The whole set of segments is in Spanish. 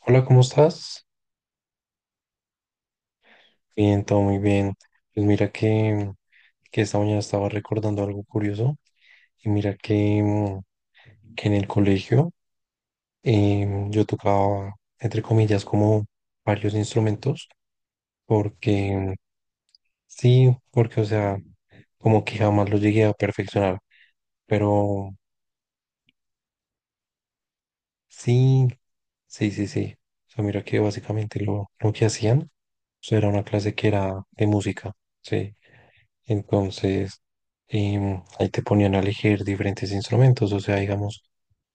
Hola, ¿cómo estás? Bien, todo muy bien. Pues mira que esta mañana estaba recordando algo curioso y mira que en el colegio, yo tocaba, entre comillas, como varios instrumentos porque sí, porque o sea, como que jamás lo llegué a perfeccionar, pero sí, sí, sí, sí. O sea, mira que básicamente lo que hacían, o sea, era una clase que era de música, sí. Entonces, ahí te ponían a elegir diferentes instrumentos. O sea, digamos,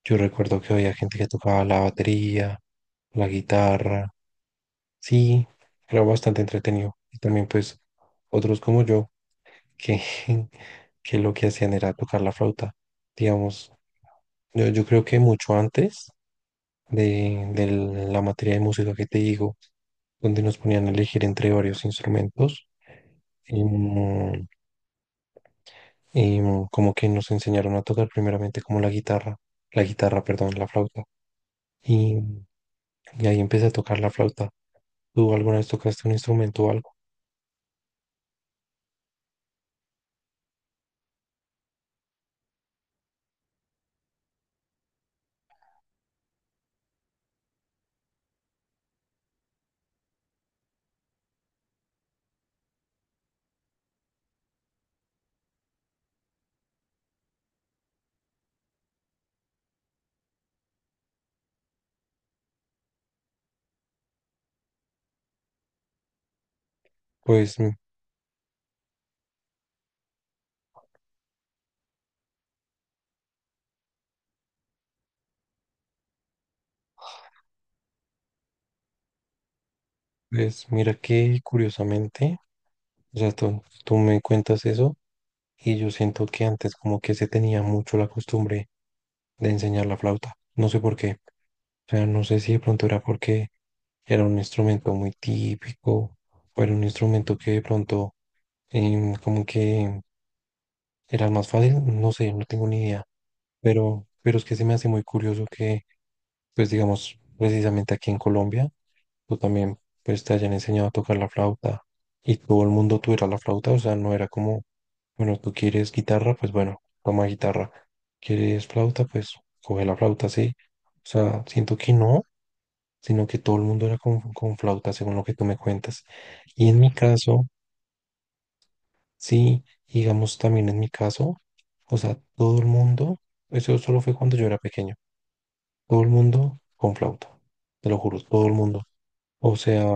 yo recuerdo que había gente que tocaba la batería, la guitarra. Sí, era bastante entretenido. Y también, pues, otros como yo, que, que lo que hacían era tocar la flauta. Digamos, yo creo que mucho antes de la materia de música que te digo, donde nos ponían a elegir entre varios instrumentos. em, y como que nos enseñaron a tocar primeramente como la guitarra, perdón, la flauta. Y, y ahí empecé a tocar la flauta. ¿Tú alguna vez tocaste un instrumento o algo? Pues, mm, pues mira que curiosamente, o sea, tú me cuentas eso y yo siento que antes como que se tenía mucho la costumbre de enseñar la flauta. No sé por qué. O sea, no sé si de pronto era porque era un instrumento muy típico o era un instrumento que de pronto, como que, ¿era el más fácil? No sé, no tengo ni idea. Pero es que se me hace muy curioso que, pues digamos, precisamente aquí en Colombia, tú también, pues te hayan enseñado a tocar la flauta y todo el mundo tuviera la flauta, o sea, no era como, bueno, tú quieres guitarra, pues bueno, toma guitarra. ¿Quieres flauta? Pues coge la flauta, sí. O sea, siento que no, sino que todo el mundo era con flauta, según lo que tú me cuentas. Y en mi caso... Sí, y digamos también en mi caso, o sea, todo el mundo, eso solo fue cuando yo era pequeño, todo el mundo con flauta, te lo juro, todo el mundo. O sea,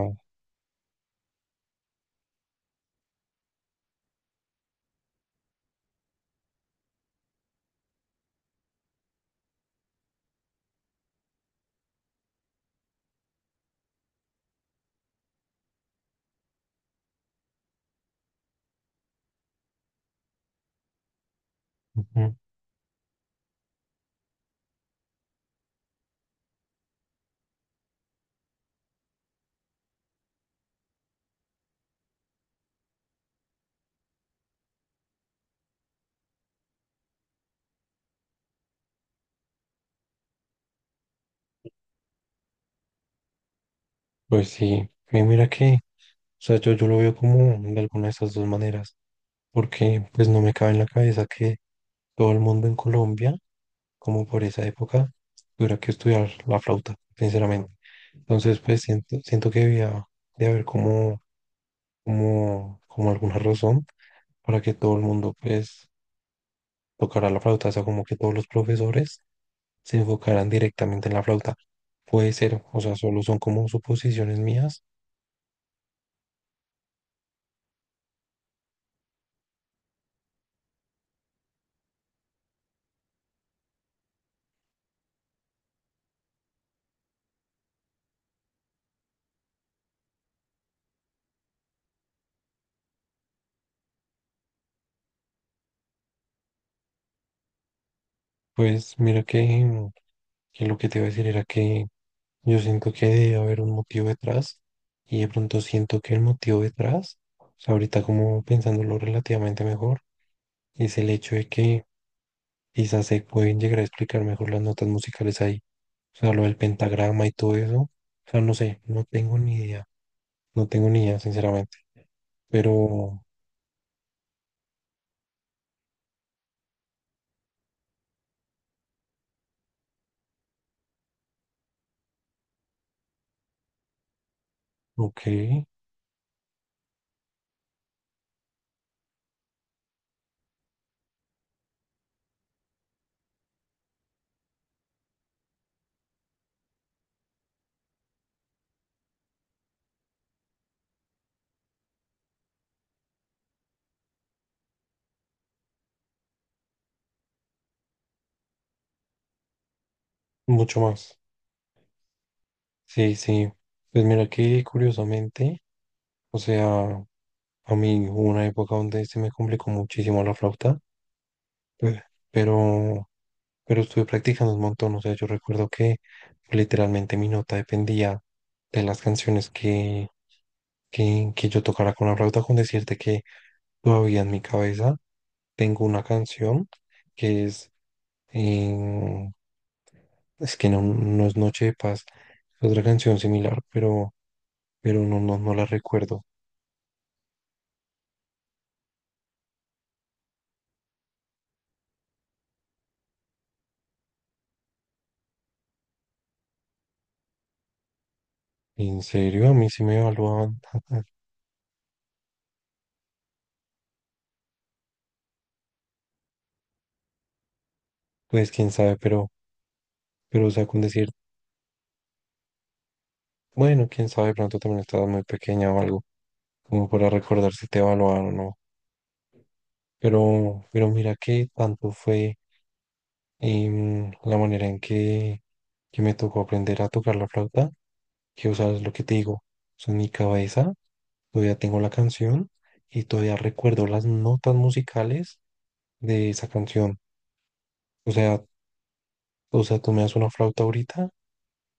ujú, pues sí, y mira que, o sea, yo lo veo como de alguna de esas dos maneras, porque pues no me cabe en la cabeza que todo el mundo en Colombia, como por esa época, tuviera que estudiar la flauta, sinceramente. Entonces, pues siento que debía de haber como alguna razón para que todo el mundo pues tocara la flauta, o sea, como que todos los profesores se enfocaran directamente en la flauta. Puede ser, o sea, solo son como suposiciones mías. Pues mira que lo que te iba a decir era que yo siento que debe haber un motivo detrás y de pronto siento que el motivo detrás, o sea, ahorita como pensándolo relativamente mejor, es el hecho de que quizás se pueden llegar a explicar mejor las notas musicales ahí, o sea, lo del pentagrama y todo eso. O sea, no sé, no tengo ni idea, sinceramente, pero ok, mucho más. Sí, sí. Pues mira que curiosamente, o sea, a mí hubo una época donde se me complicó muchísimo la flauta, pe- pero, pero estuve practicando un montón. O sea, yo recuerdo que literalmente mi nota dependía de las canciones que yo tocara con la flauta, con decirte que todavía en mi cabeza tengo una canción que es... eh, es que no, no es Noche de Paz, es otra canción similar, pero no, no la recuerdo. En serio, a mí sí me evaluaban. Pues quién sabe, pero o sea, con decir, bueno, quién sabe, de pronto también estabas muy pequeña o algo, como para recordar si te evaluaron o no. Pero mira que tanto fue, la manera en que me tocó aprender a tocar la flauta, que o sea, es lo que te digo, o sea, en mi cabeza todavía tengo la canción y todavía recuerdo las notas musicales de esa canción. O sea, o sea, tú me das una flauta ahorita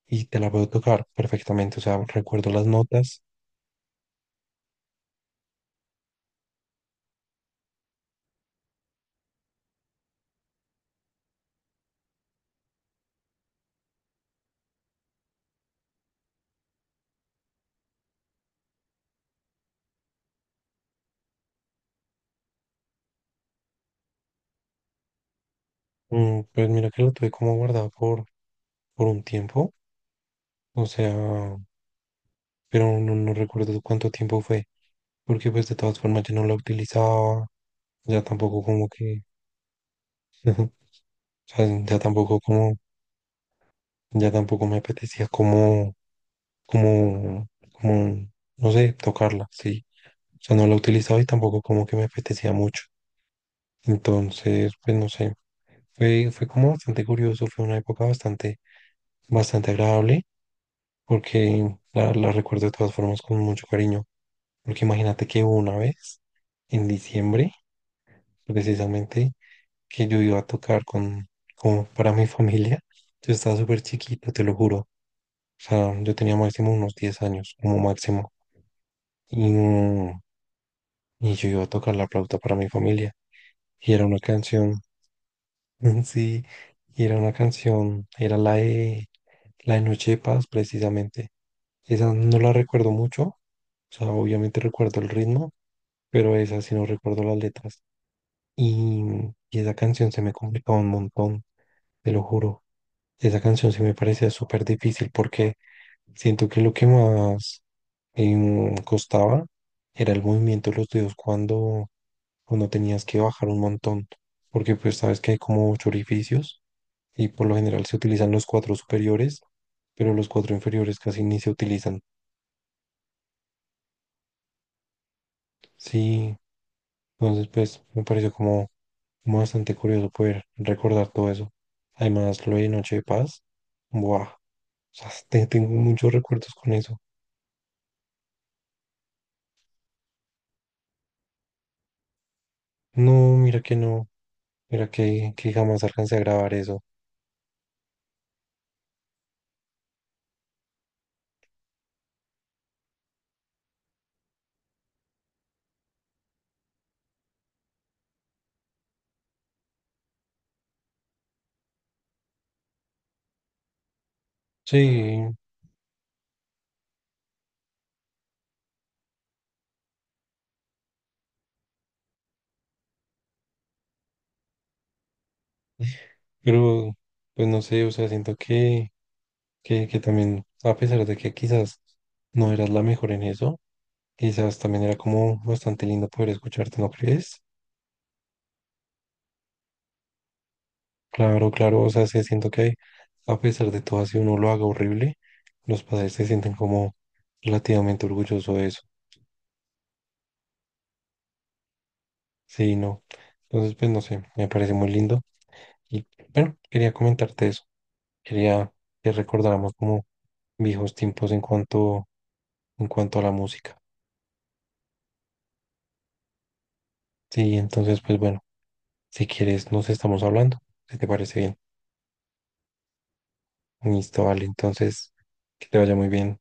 y te la puedo tocar perfectamente. O sea, recuerdo las notas. Pues mira que lo tuve como guardado por un tiempo. O sea, pero no recuerdo cuánto tiempo fue. Porque pues de todas formas yo no la utilizaba. Ya tampoco como que, o sea, ya tampoco como, ya tampoco me apetecía como, como, no sé, tocarla, sí. O sea, no la utilizaba y tampoco como que me apetecía mucho. Entonces, pues no sé, fue como bastante curioso, fue una época bastante, bastante agradable, porque la recuerdo de todas formas con mucho cariño, porque imagínate que hubo una vez, en diciembre, precisamente, que yo iba a tocar con, como para mi familia, yo estaba súper chiquito, te lo juro, o sea, yo tenía máximo unos 10 años, como máximo, y, mm, y yo iba a tocar la flauta para mi familia, y era una canción Sí, y era una canción, era la de Noche de Paz, precisamente. Esa no la recuerdo mucho, o sea, obviamente recuerdo el ritmo, pero esa sí no recuerdo las letras. Y, y esa canción se me complicaba un montón, te lo juro. Esa canción se me parecía súper difícil porque siento que lo que más, costaba era el movimiento de los dedos cuando tenías que bajar un montón, porque pues sabes que hay como ocho orificios y por lo general se utilizan los cuatro superiores, pero los cuatro inferiores casi ni se utilizan. Sí, entonces pues me pareció como, bastante curioso poder recordar todo eso. Además, lo de Noche de Paz, buah, o sea, tengo muchos recuerdos con eso. No, mira que no, mira que jamás alcancé a grabar eso. Sí, pero pues no sé, o sea, siento que, que también, a pesar de que quizás no eras la mejor en eso, quizás también era como bastante lindo poder escucharte, ¿no crees? Claro, claro, o sea, sí siento que a pesar de todo, así uno lo haga horrible, los padres se sienten como relativamente orgullosos de eso. Sí, no. Entonces, pues no sé, me parece muy lindo. Y bueno, quería comentarte eso. Quería que recordáramos como viejos tiempos en cuanto, a la música. Sí, entonces, pues bueno, si quieres, nos estamos hablando, si te parece bien. Listo, vale, entonces, que te vaya muy bien.